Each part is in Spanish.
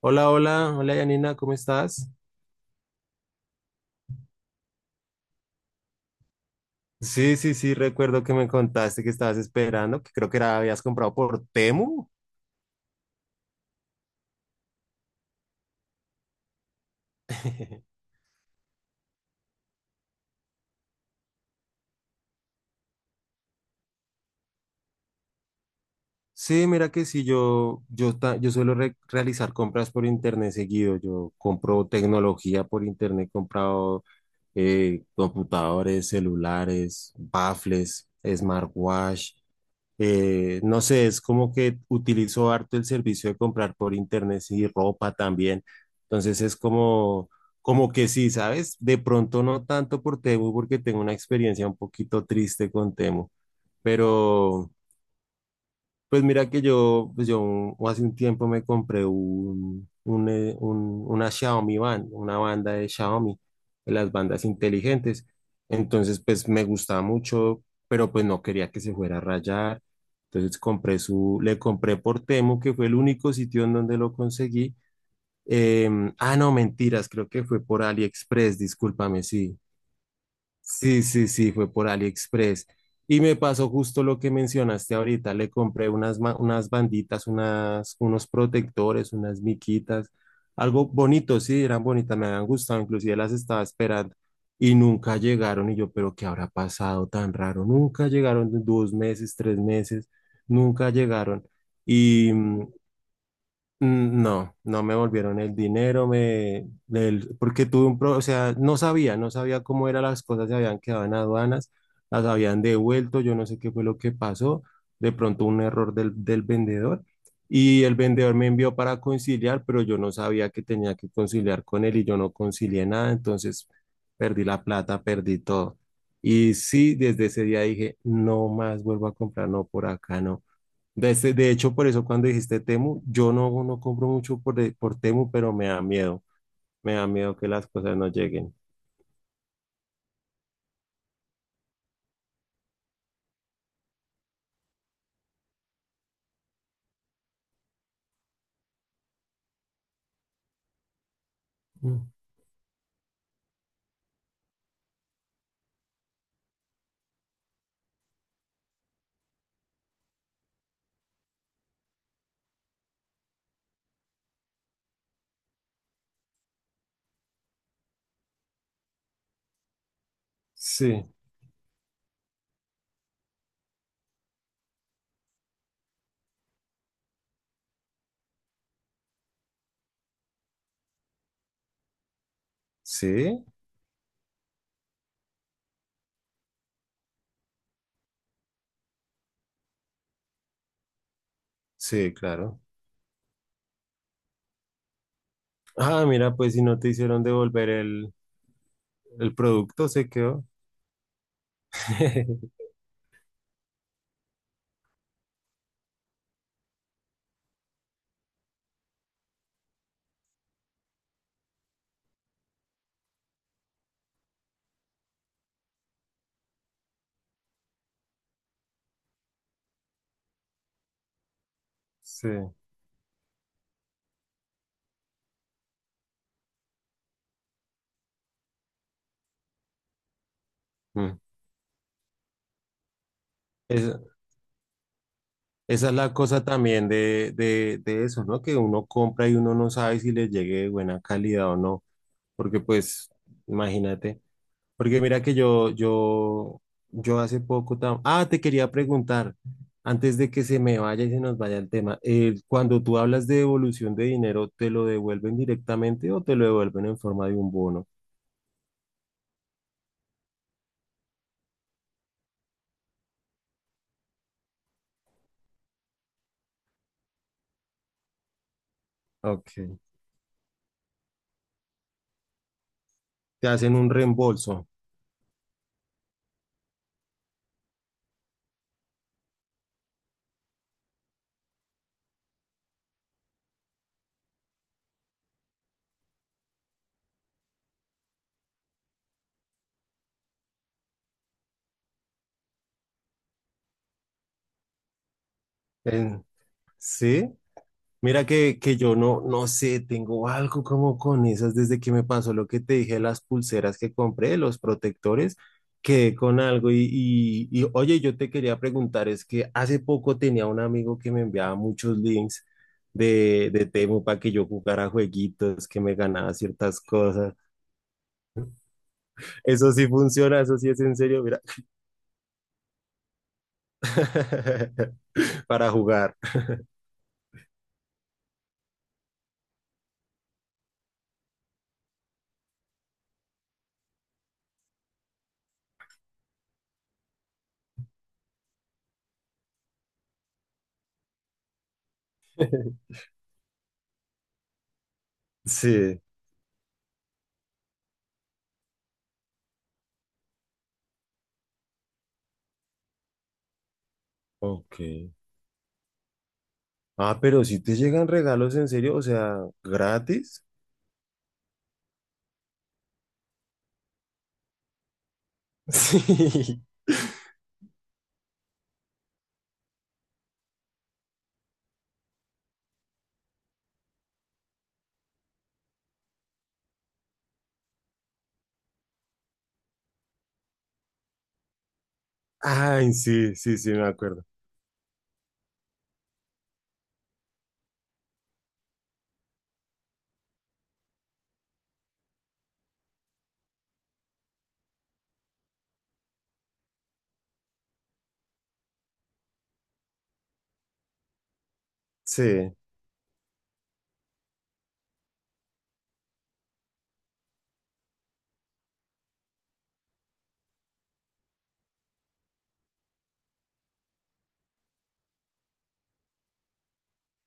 Hola, hola, hola Yanina, ¿cómo estás? Sí, sí, sí, recuerdo que me contaste que estabas esperando, que creo que era, habías comprado por Temu. Sí, mira que sí, yo suelo realizar compras por internet seguido. Yo compro tecnología por internet, he comprado computadores, celulares, baffles, smartwatch. No sé, es como que utilizo harto el servicio de comprar por internet y ropa también. Entonces es como que sí, ¿sabes? De pronto no tanto por Temu porque tengo una experiencia un poquito triste con Temu, pero. Pues mira que yo, pues yo hace un tiempo me compré una Xiaomi Band, una banda de Xiaomi, de las bandas inteligentes. Entonces, pues me gustaba mucho, pero pues no quería que se fuera a rayar. Entonces le compré por Temu, que fue el único sitio en donde lo conseguí. Ah, no, mentiras, creo que fue por AliExpress, discúlpame, sí. Sí, sí, sí, fue por AliExpress. Y me pasó justo lo que mencionaste ahorita. Le compré unas banditas, unas, unos protectores, unas miquitas, algo bonito, sí, eran bonitas, me habían gustado, inclusive las estaba esperando y nunca llegaron. Y yo, pero ¿qué habrá pasado tan raro? Nunca llegaron, 2 meses, 3 meses, nunca llegaron. Y, mm, No, no me volvieron el dinero, porque o sea, no sabía cómo eran las cosas, se habían quedado en aduanas, las habían devuelto, yo no sé qué fue lo que pasó, de pronto un error del vendedor, y el vendedor me envió para conciliar, pero yo no sabía que tenía que conciliar con él y yo no concilié nada, entonces perdí la plata, perdí todo. Y sí, desde ese día dije, no más vuelvo a comprar, no por acá, no. De hecho, por eso cuando dijiste Temu, yo no compro mucho por Temu, pero me da miedo. Me da miedo que las cosas no lleguen. Mm. Sí, sí, sí, claro. Ah, mira, pues si no te hicieron devolver el producto, se quedó. Sí. Mm. Esa, esa es la cosa también de eso, ¿no? Que uno compra y uno no sabe si le llegue de buena calidad o no. Porque pues, imagínate. Porque mira que yo Ah, te quería preguntar, antes de que se me vaya y se nos vaya el tema, cuando tú hablas de devolución de dinero, ¿te lo devuelven directamente o te lo devuelven en forma de un bono? Ok. Te hacen un reembolso. En- ¿Sí? Mira que yo no sé, tengo algo como con esas desde que me pasó lo que te dije, las pulseras que compré, los protectores, quedé con algo y, oye, yo te quería preguntar, es que hace poco tenía un amigo que me enviaba muchos links de Temu para que yo jugara jueguitos, que me ganaba ciertas cosas. Eso sí funciona, eso sí es en serio, mira, para jugar. Sí, ok. Ah, pero si te llegan regalos en serio, o sea, gratis. Sí. Ay, sí, sí, sí, me acuerdo. Sí.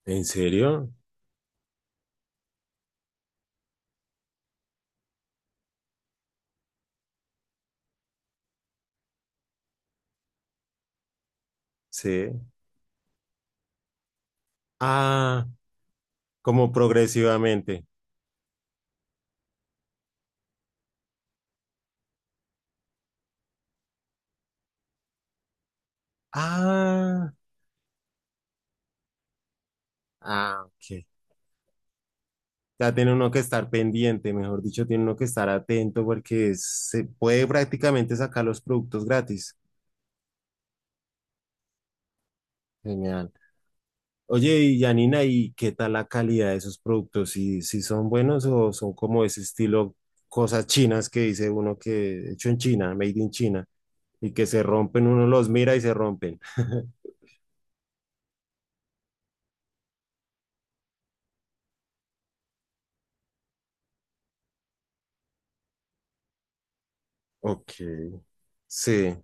¿En serio? Sí. Ah, como progresivamente. Ah, ah, ok. Ya tiene uno que estar pendiente, mejor dicho, tiene uno que estar atento porque se puede prácticamente sacar los productos gratis. Genial. Oye, y Janina, ¿y qué tal la calidad de esos productos? ¿Si son buenos o son como ese estilo cosas chinas que dice uno que hecho en China, made in China, y que se rompen, uno los mira y se rompen? Ok, sí.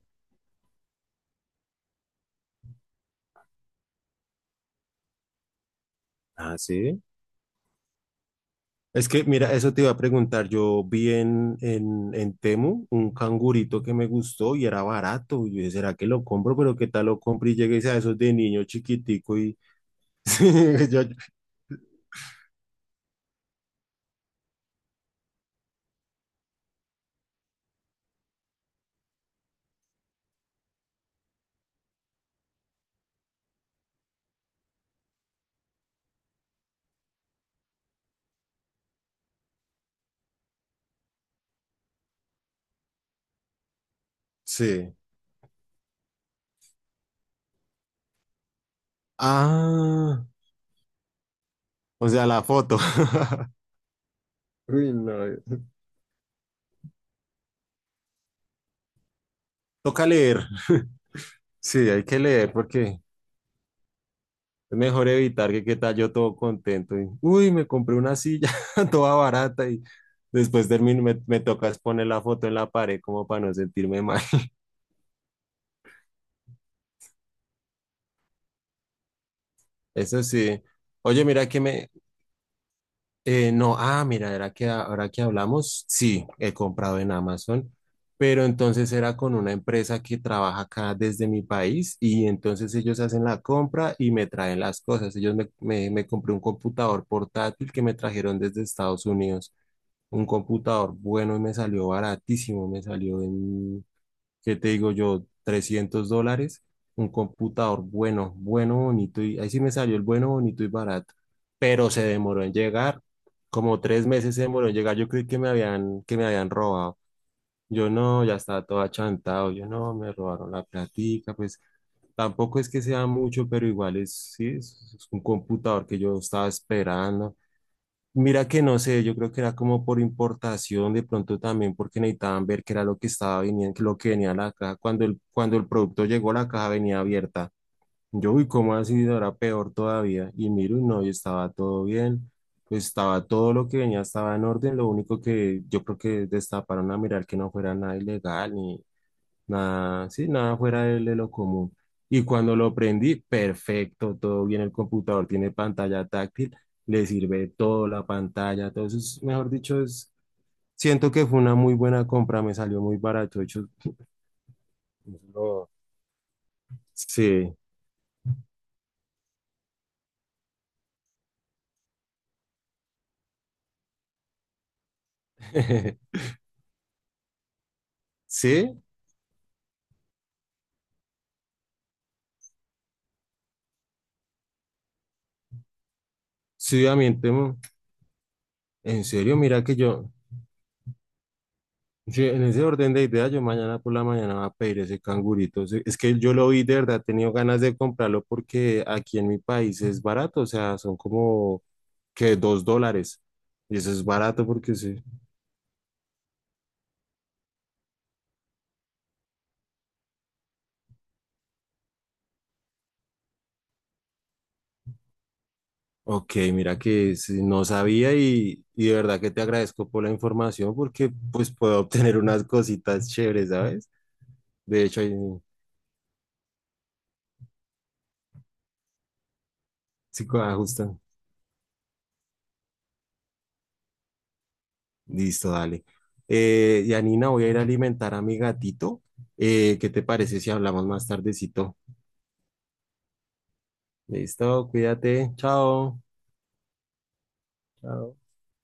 Ah, sí. Es que, mira, eso te iba a preguntar. Yo vi en Temu un cangurito que me gustó y era barato. Y yo dije, ¿será que lo compro? Pero ¿qué tal lo compro? Y llegué a esos de niño chiquitico y. Sí, sí. Ah. O sea, la foto. Uy, no. Toca leer. Sí, hay que leer porque es mejor evitar que qué tal yo todo contento y, uy, me compré una silla toda barata y después termino, me toca es poner la foto en la pared como para no sentirme mal. Eso sí. Oye, mira que me. No, ah, mira, era que ahora que hablamos, sí, he comprado en Amazon, pero entonces era con una empresa que trabaja acá desde mi país y entonces ellos hacen la compra y me traen las cosas. Ellos me compré un computador portátil que me trajeron desde Estados Unidos, un computador bueno y me salió baratísimo, me salió en ¿qué te digo yo? $300, un computador bueno, bueno, bonito, y ahí sí me salió el bueno, bonito y barato, pero se demoró en llegar, como 3 meses se demoró en llegar, yo creí que me habían robado, yo no, ya estaba todo achantado, yo no, me robaron la platica, pues tampoco es que sea mucho, pero igual es, sí, es un computador que yo estaba esperando. Mira que no sé, yo creo que era como por importación, de pronto también porque necesitaban ver qué era lo que estaba viniendo, lo que venía a la caja. Cuando cuando el producto llegó, la caja venía abierta. Yo, uy, ¿cómo así? No, era peor todavía. Y miro, y no, y estaba todo bien. Pues, estaba todo lo que venía, estaba en orden. Lo único que yo creo que destaparon a mirar que no fuera nada ilegal, ni, nada, sí, nada fuera de lo común. Y cuando lo prendí, perfecto, todo bien. El computador tiene pantalla táctil, le sirve todo la pantalla. Todo Entonces, mejor dicho, es, siento que fue una muy buena compra, me salió muy barato. De hecho, no, sí, sí, sí, a mí, en serio, mira que yo. Sí, en ese orden de ideas, yo mañana por la mañana voy a pedir ese cangurito. Sí, es que yo lo vi de verdad, he tenido ganas de comprarlo porque aquí en mi país es barato, o sea, son como que $2. Y eso es barato porque sí. Ok, mira que sí, no sabía y de verdad que te agradezco por la información porque pues puedo obtener unas cositas chéveres, ¿sabes? De hecho, ahí sí ajustan. Listo, dale. Yanina, voy a ir a alimentar a mi gatito. ¿Qué te parece si hablamos más tardecito? Listo, cuídate. Chao. Chao.